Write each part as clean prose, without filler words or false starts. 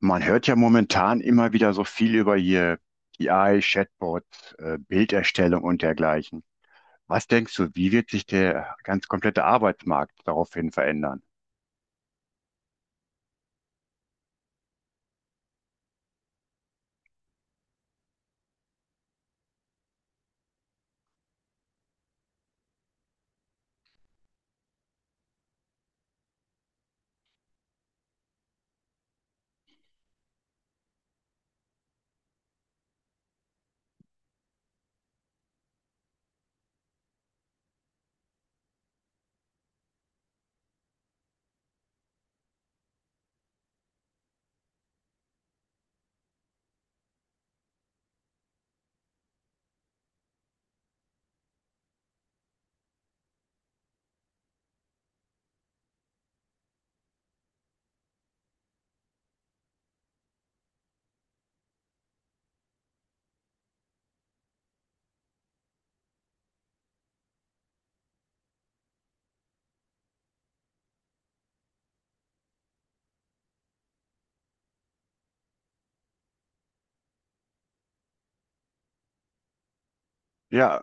Man hört ja momentan immer wieder so viel über hier KI, Chatbot, Bilderstellung und dergleichen. Was denkst du, wie wird sich der ganz komplette Arbeitsmarkt daraufhin verändern? Ja,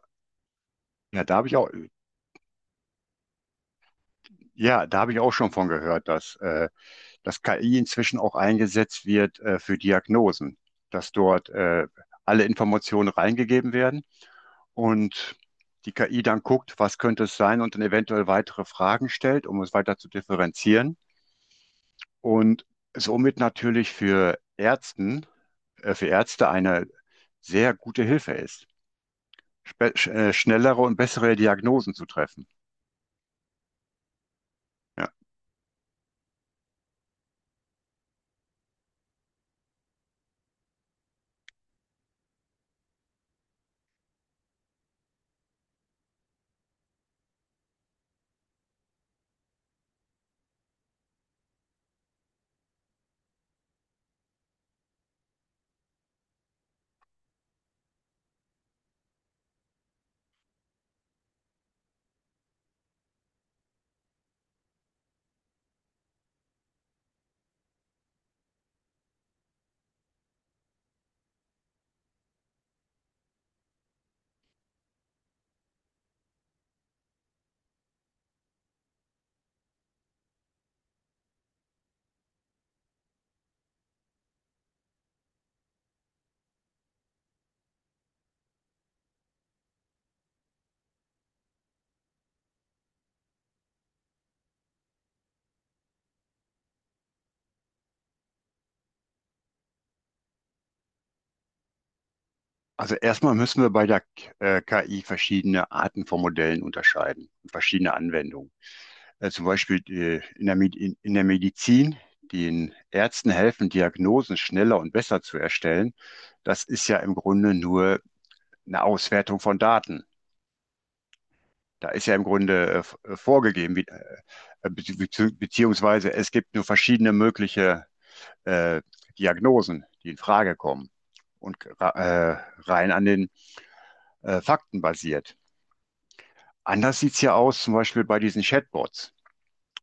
ja, da habe ich auch, ja, da habe ich auch schon von gehört, dass KI inzwischen auch eingesetzt wird, für Diagnosen, dass dort alle Informationen reingegeben werden und die KI dann guckt, was könnte es sein und dann eventuell weitere Fragen stellt, um es weiter zu differenzieren. Und somit natürlich für Ärzten, für Ärzte eine sehr gute Hilfe ist, schnellere und bessere Diagnosen zu treffen. Ja. Also erstmal müssen wir bei der KI verschiedene Arten von Modellen unterscheiden, verschiedene Anwendungen. Zum Beispiel in der, Med- in der Medizin, den Ärzten helfen, Diagnosen schneller und besser zu erstellen. Das ist ja im Grunde nur eine Auswertung von Daten. Da ist ja im Grunde vorgegeben, wie, be beziehungsweise es gibt nur verschiedene mögliche äh, Diagnosen, die in Frage kommen und rein an den Fakten basiert. Anders sieht es ja aus, zum Beispiel bei diesen Chatbots.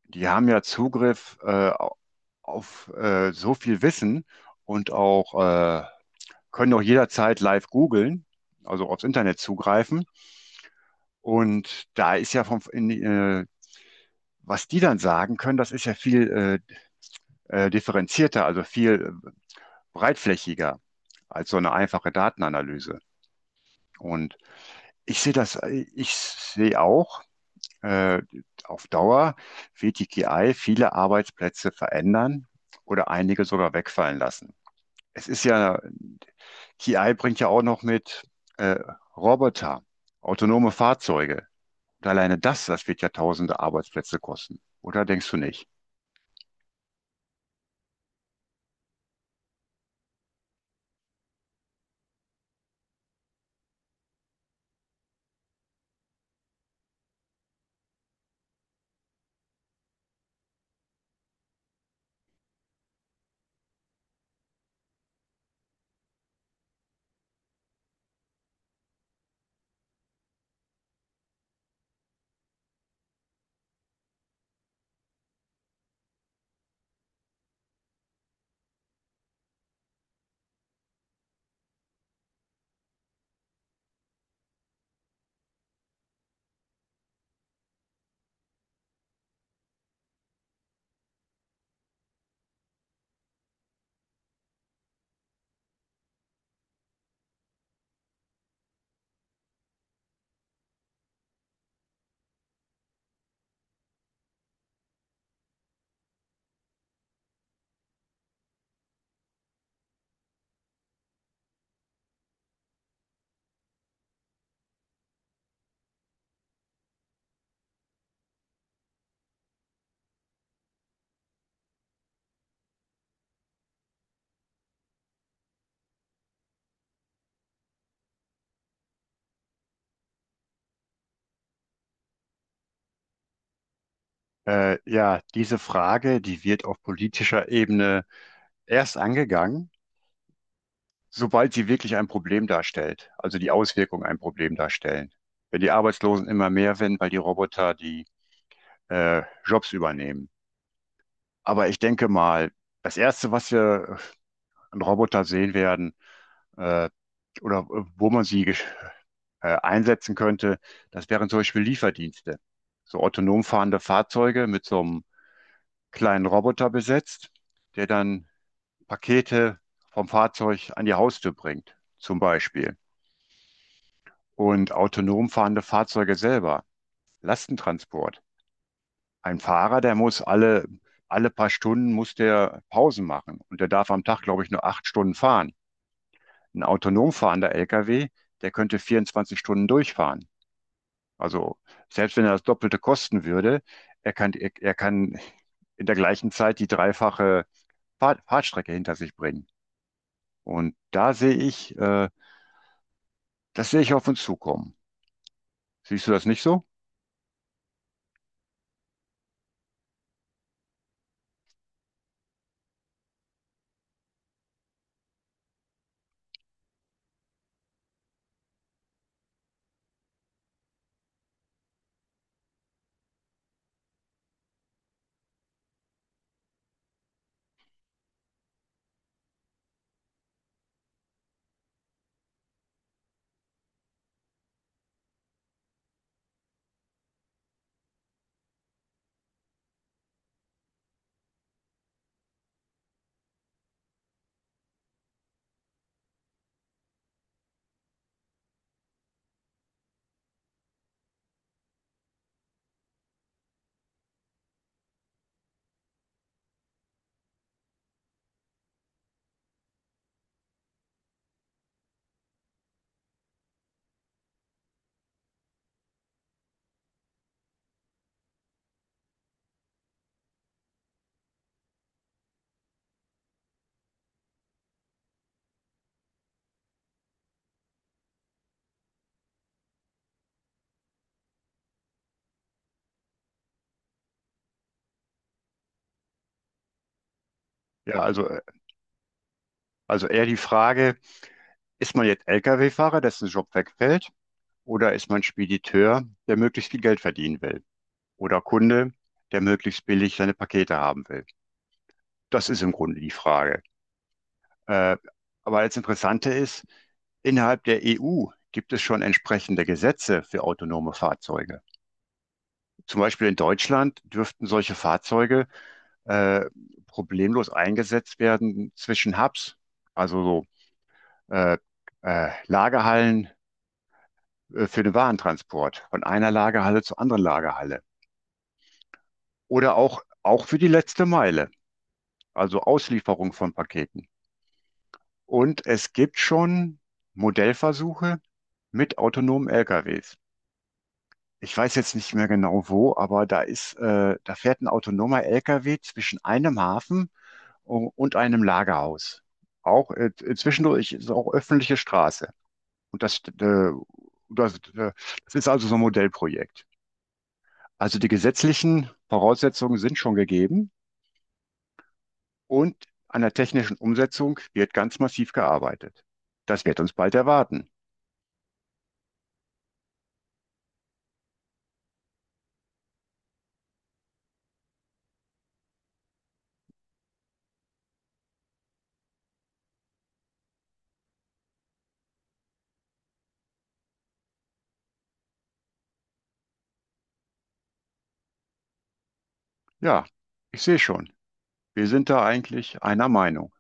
Die haben ja Zugriff auf so viel Wissen und auch äh, können auch jederzeit live googeln, also aufs Internet zugreifen. Und da ist ja vom, in, was die dann sagen können, das ist ja viel differenzierter, also viel breitflächiger als so eine einfache Datenanalyse. Und ich sehe das, ich sehe auch, äh, auf Dauer wird die KI viele Arbeitsplätze verändern oder einige sogar wegfallen lassen. Es ist ja, KI bringt ja auch noch mit äh, Roboter, autonome Fahrzeuge. Und alleine das wird ja tausende Arbeitsplätze kosten. Oder denkst du nicht? Ja, diese Frage, die wird auf politischer Ebene erst angegangen, sobald sie wirklich ein Problem darstellt, also die Auswirkungen ein Problem darstellen. Wenn die Arbeitslosen immer mehr werden, weil die Roboter die Jobs übernehmen. Aber ich denke mal, das Erste, was wir an Roboter sehen werden, äh, oder wo man sie einsetzen könnte, das wären zum Beispiel Lieferdienste. So autonom fahrende Fahrzeuge mit so einem kleinen Roboter besetzt, der dann Pakete vom Fahrzeug an die Haustür bringt, zum Beispiel. Und autonom fahrende Fahrzeuge selber, Lastentransport. Ein Fahrer, der muss alle paar Stunden muss der Pausen machen und der darf am Tag, glaube ich, nur 8 Stunden fahren. Ein autonom fahrender LKW, der könnte 24 Stunden durchfahren. Also selbst wenn er das Doppelte kosten würde, er kann in der gleichen Zeit die dreifache Fahrstrecke hinter sich bringen. Und da sehe ich, das sehe ich auf uns zukommen. Siehst du das nicht so? Ja, also eher die Frage, ist man jetzt Lkw-Fahrer, dessen Job wegfällt, oder ist man Spediteur, der möglichst viel Geld verdienen will? Oder Kunde, der möglichst billig seine Pakete haben will? Das ist im Grunde die Frage. Äh, aber das Interessante ist, innerhalb der EU gibt es schon entsprechende Gesetze für autonome Fahrzeuge. Zum Beispiel in Deutschland dürften solche Fahrzeuge äh, problemlos eingesetzt werden zwischen Hubs. Also so äh, Lagerhallen für den Warentransport von einer Lagerhalle zur anderen Lagerhalle. Oder auch, auch für die letzte Meile, also Auslieferung von Paketen. Und es gibt schon Modellversuche mit autonomen LKWs. Ich weiß jetzt nicht mehr genau wo, aber da fährt ein autonomer LKW zwischen einem Hafen und einem Lagerhaus. Auch zwischendurch ist auch öffentliche Straße. Und das, äh, das ist also so ein Modellprojekt. Also die gesetzlichen Voraussetzungen sind schon gegeben und an der technischen Umsetzung wird ganz massiv gearbeitet. Das wird uns bald erwarten. Ja, ich sehe schon. Wir sind da eigentlich einer Meinung.